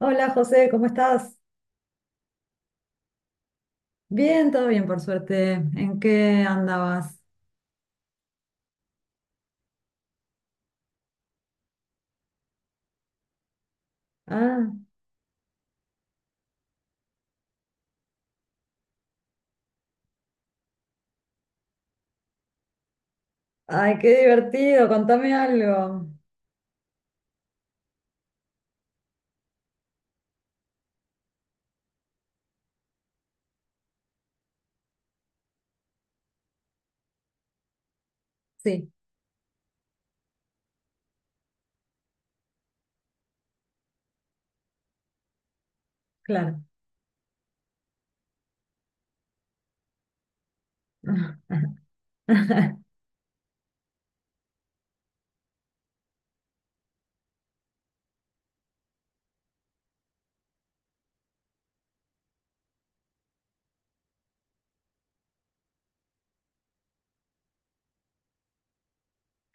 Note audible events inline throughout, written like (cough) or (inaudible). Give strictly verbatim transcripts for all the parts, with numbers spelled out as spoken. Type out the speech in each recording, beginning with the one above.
Hola José, ¿cómo estás? Bien, todo bien por suerte. ¿En qué andabas? Ah, ay, qué divertido, contame algo. Sí, claro. (laughs)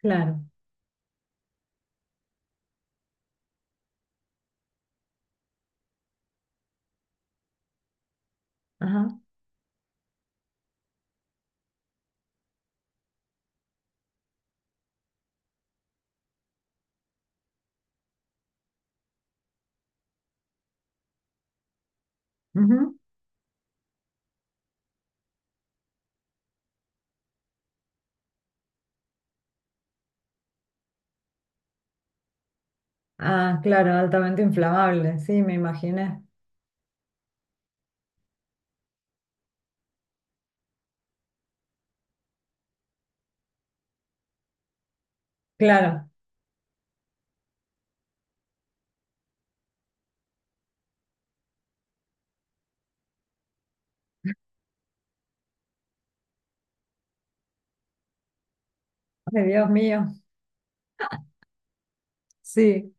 Claro. Ajá. Ujú. Ah, claro, altamente inflamable, sí, me imaginé. Claro. Ay, Dios mío. Sí,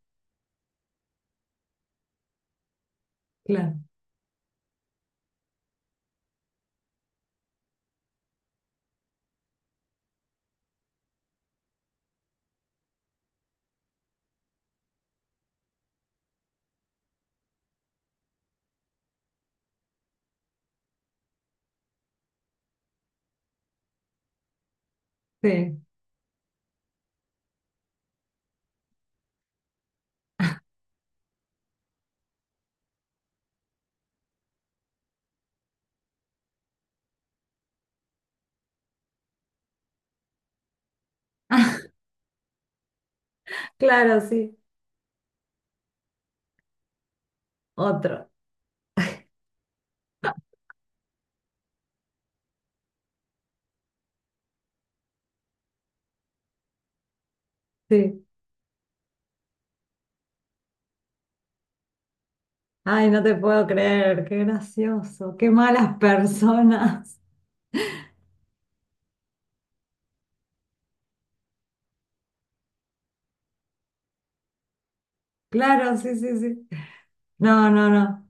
claro, sí. (laughs) Claro, sí. Otro. Sí. Ay, no te puedo creer, qué gracioso, qué malas personas. (laughs) Claro, sí, sí, sí. No, no, no.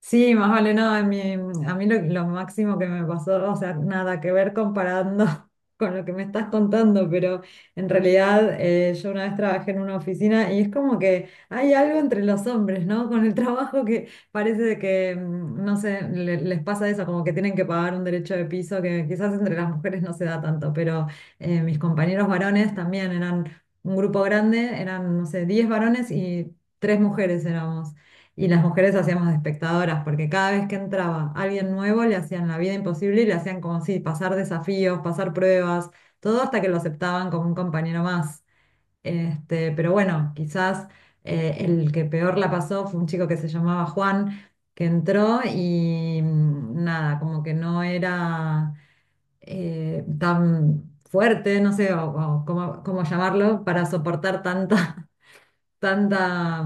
Sí, más vale, no, a mí, a mí, lo, lo máximo que me pasó, o sea, nada que ver comparando (laughs) con lo que me estás contando, pero en realidad eh, yo una vez trabajé en una oficina y es como que hay algo entre los hombres, ¿no? Con el trabajo que parece de que, mm, no sé, le- les pasa eso, como que tienen que pagar un derecho de piso que quizás entre las mujeres no se da tanto, pero eh, mis compañeros varones también eran un grupo grande, eran, no sé, diez varones y tres mujeres éramos. Y las mujeres hacíamos de espectadoras, porque cada vez que entraba alguien nuevo le hacían la vida imposible y le hacían como si pasar desafíos, pasar pruebas, todo hasta que lo aceptaban como un compañero más. Este, pero bueno, quizás eh, el que peor la pasó fue un chico que se llamaba Juan, que entró y mm, nada, como que no era eh, tan fuerte, no sé o- o cómo, cómo llamarlo, para soportar tanta tanta,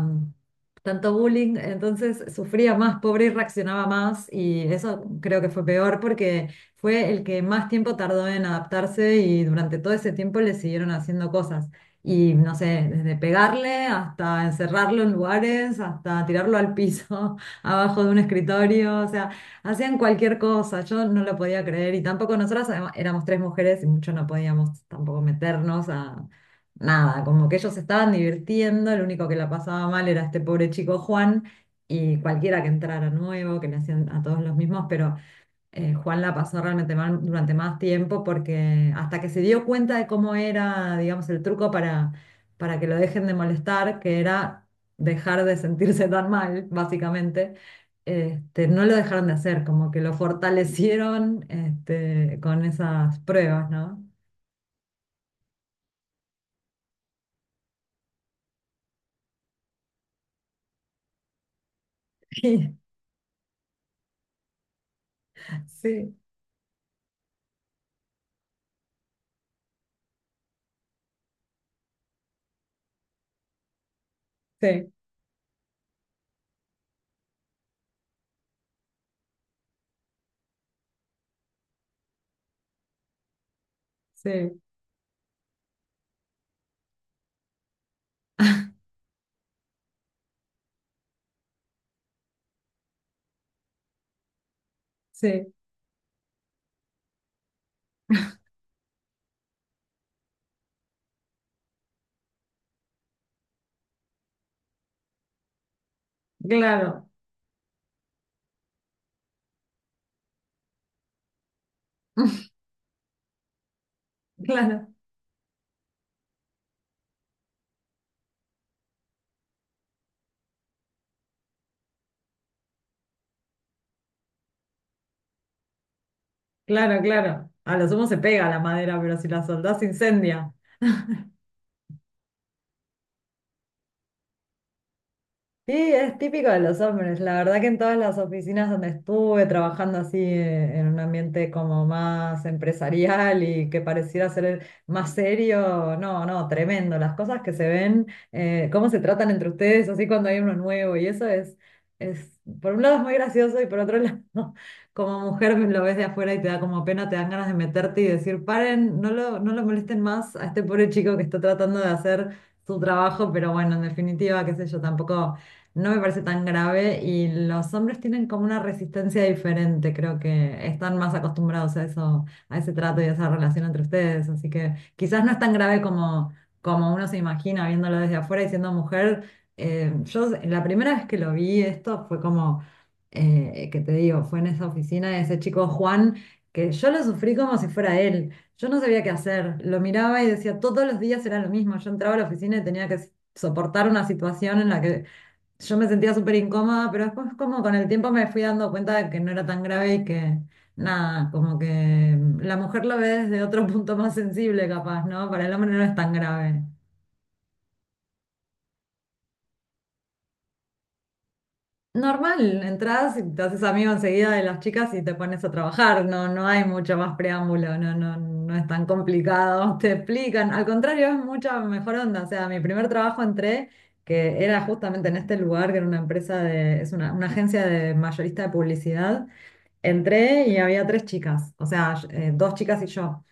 tanto bullying, entonces sufría más, pobre, y reaccionaba más y eso creo que fue peor porque fue el que más tiempo tardó en adaptarse y durante todo ese tiempo le siguieron haciendo cosas. Y no sé, desde pegarle hasta encerrarlo en lugares, hasta tirarlo al piso, (laughs) abajo de un escritorio, o sea, hacían cualquier cosa, yo no lo podía creer y tampoco nosotras además, éramos tres mujeres y mucho no podíamos tampoco meternos a nada, como que ellos se estaban divirtiendo, el único que la pasaba mal era este pobre chico Juan y cualquiera que entrara nuevo, que le hacían a todos los mismos, pero eh, Juan la pasó realmente mal durante más tiempo porque hasta que se dio cuenta de cómo era, digamos, el truco para, para que lo dejen de molestar, que era dejar de sentirse tan mal, básicamente. Este, no lo dejaron de hacer, como que lo fortalecieron este, con esas pruebas, ¿no? (laughs) Sí, sí, sí. Sí, claro, (laughs) claro, claro, claro. A lo sumo se pega la madera, pero si la soldás se incendia. Sí, es típico de los hombres. La verdad que en todas las oficinas donde estuve trabajando así eh, en un ambiente como más empresarial y que pareciera ser más serio, no, no, tremendo. Las cosas que se ven, eh, cómo se tratan entre ustedes, así cuando hay uno nuevo y eso es, es, por un lado es muy gracioso y por otro lado, (laughs) como mujer pues, lo ves de afuera y te da como pena, te dan ganas de meterte y decir, paren, no lo, no lo molesten más a este pobre chico que está tratando de hacer su trabajo, pero bueno, en definitiva, qué sé yo, tampoco no me parece tan grave y los hombres tienen como una resistencia diferente, creo que están más acostumbrados a eso, a ese trato y a esa relación entre ustedes, así que quizás no es tan grave como, como uno se imagina viéndolo desde afuera y siendo mujer. Eh, yo la primera vez que lo vi esto fue como, eh, que te digo, fue en esa oficina de ese chico Juan, que yo lo sufrí como si fuera él. Yo no sabía qué hacer, lo miraba y decía, todos los días era lo mismo. Yo entraba a la oficina y tenía que soportar una situación en la que yo me sentía súper incómoda, pero después como con el tiempo me fui dando cuenta de que no era tan grave y que nada, como que la mujer lo ve desde otro (laughs) punto más sensible capaz, ¿no? Para el hombre no es tan grave. Normal, entras y te haces amigo enseguida de las chicas y te pones a trabajar, no, no hay mucho más preámbulo, no, no, no es tan complicado, (laughs) te explican, al contrario es mucha mejor onda, o sea, mi primer trabajo entré que era justamente en este lugar, que era una empresa de, es una, una, agencia de mayorista de publicidad. Entré y había tres chicas, o sea, eh, dos chicas y yo.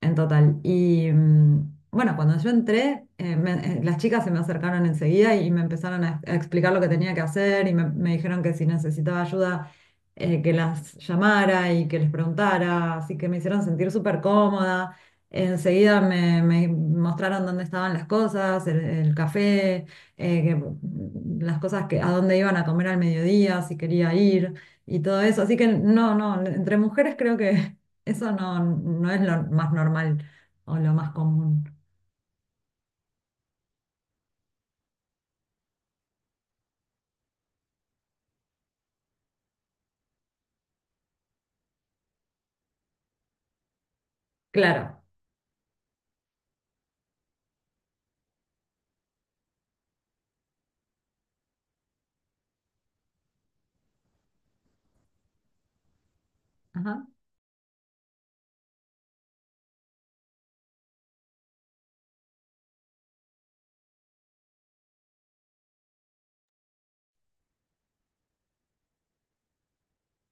En total. Y mm, bueno, cuando yo entré, eh, me- eh, las chicas se me acercaron enseguida y me empezaron a, a explicar lo que tenía que hacer y me, me dijeron que si necesitaba ayuda, eh, que las llamara y que les preguntara. Así que me hicieron sentir súper cómoda. Enseguida me, me mostraron dónde estaban las cosas, el, el café, eh, que, mm, las cosas que a dónde iban a comer al mediodía, si quería ir y todo eso. Así que no, no, entre mujeres creo que... Eso no, no es lo más normal o lo más común. Claro, ajá,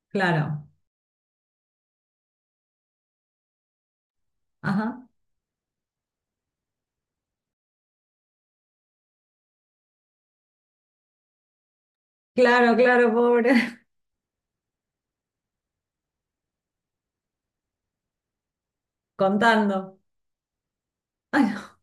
claro, ajá, claro, claro, pobre. (laughs) Contando. Ay, no,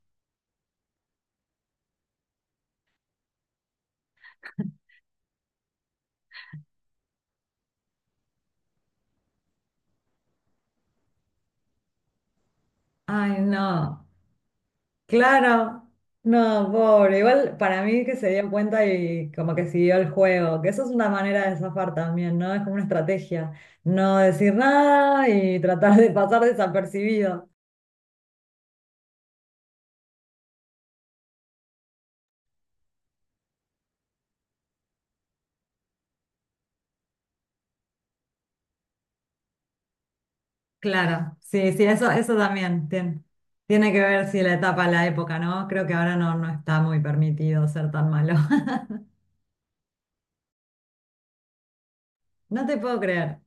ay, no, claro, no, pobre. Igual para mí que se dio cuenta y como que siguió el juego, que eso es una manera de zafar también, ¿no? Es como una estrategia, no decir nada y tratar de pasar desapercibido. Claro, sí, sí, eso, eso también tien- tiene que ver si la etapa, la época, ¿no? Creo que ahora no, no está muy permitido ser tan malo. (laughs) No te puedo creer.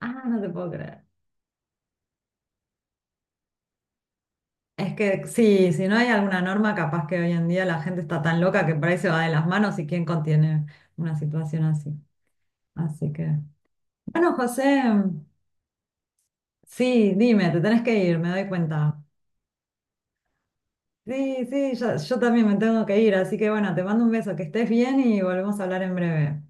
Ah, no te puedo creer. Es que sí, si no hay alguna norma, capaz que hoy en día la gente está tan loca que por ahí se va de las manos y quién contiene una situación así. Así que, bueno, José, sí, dime, te tenés que ir, me doy cuenta. Sí, sí, yo, yo también me tengo que ir, así que bueno, te mando un beso, que estés bien y volvemos a hablar en breve.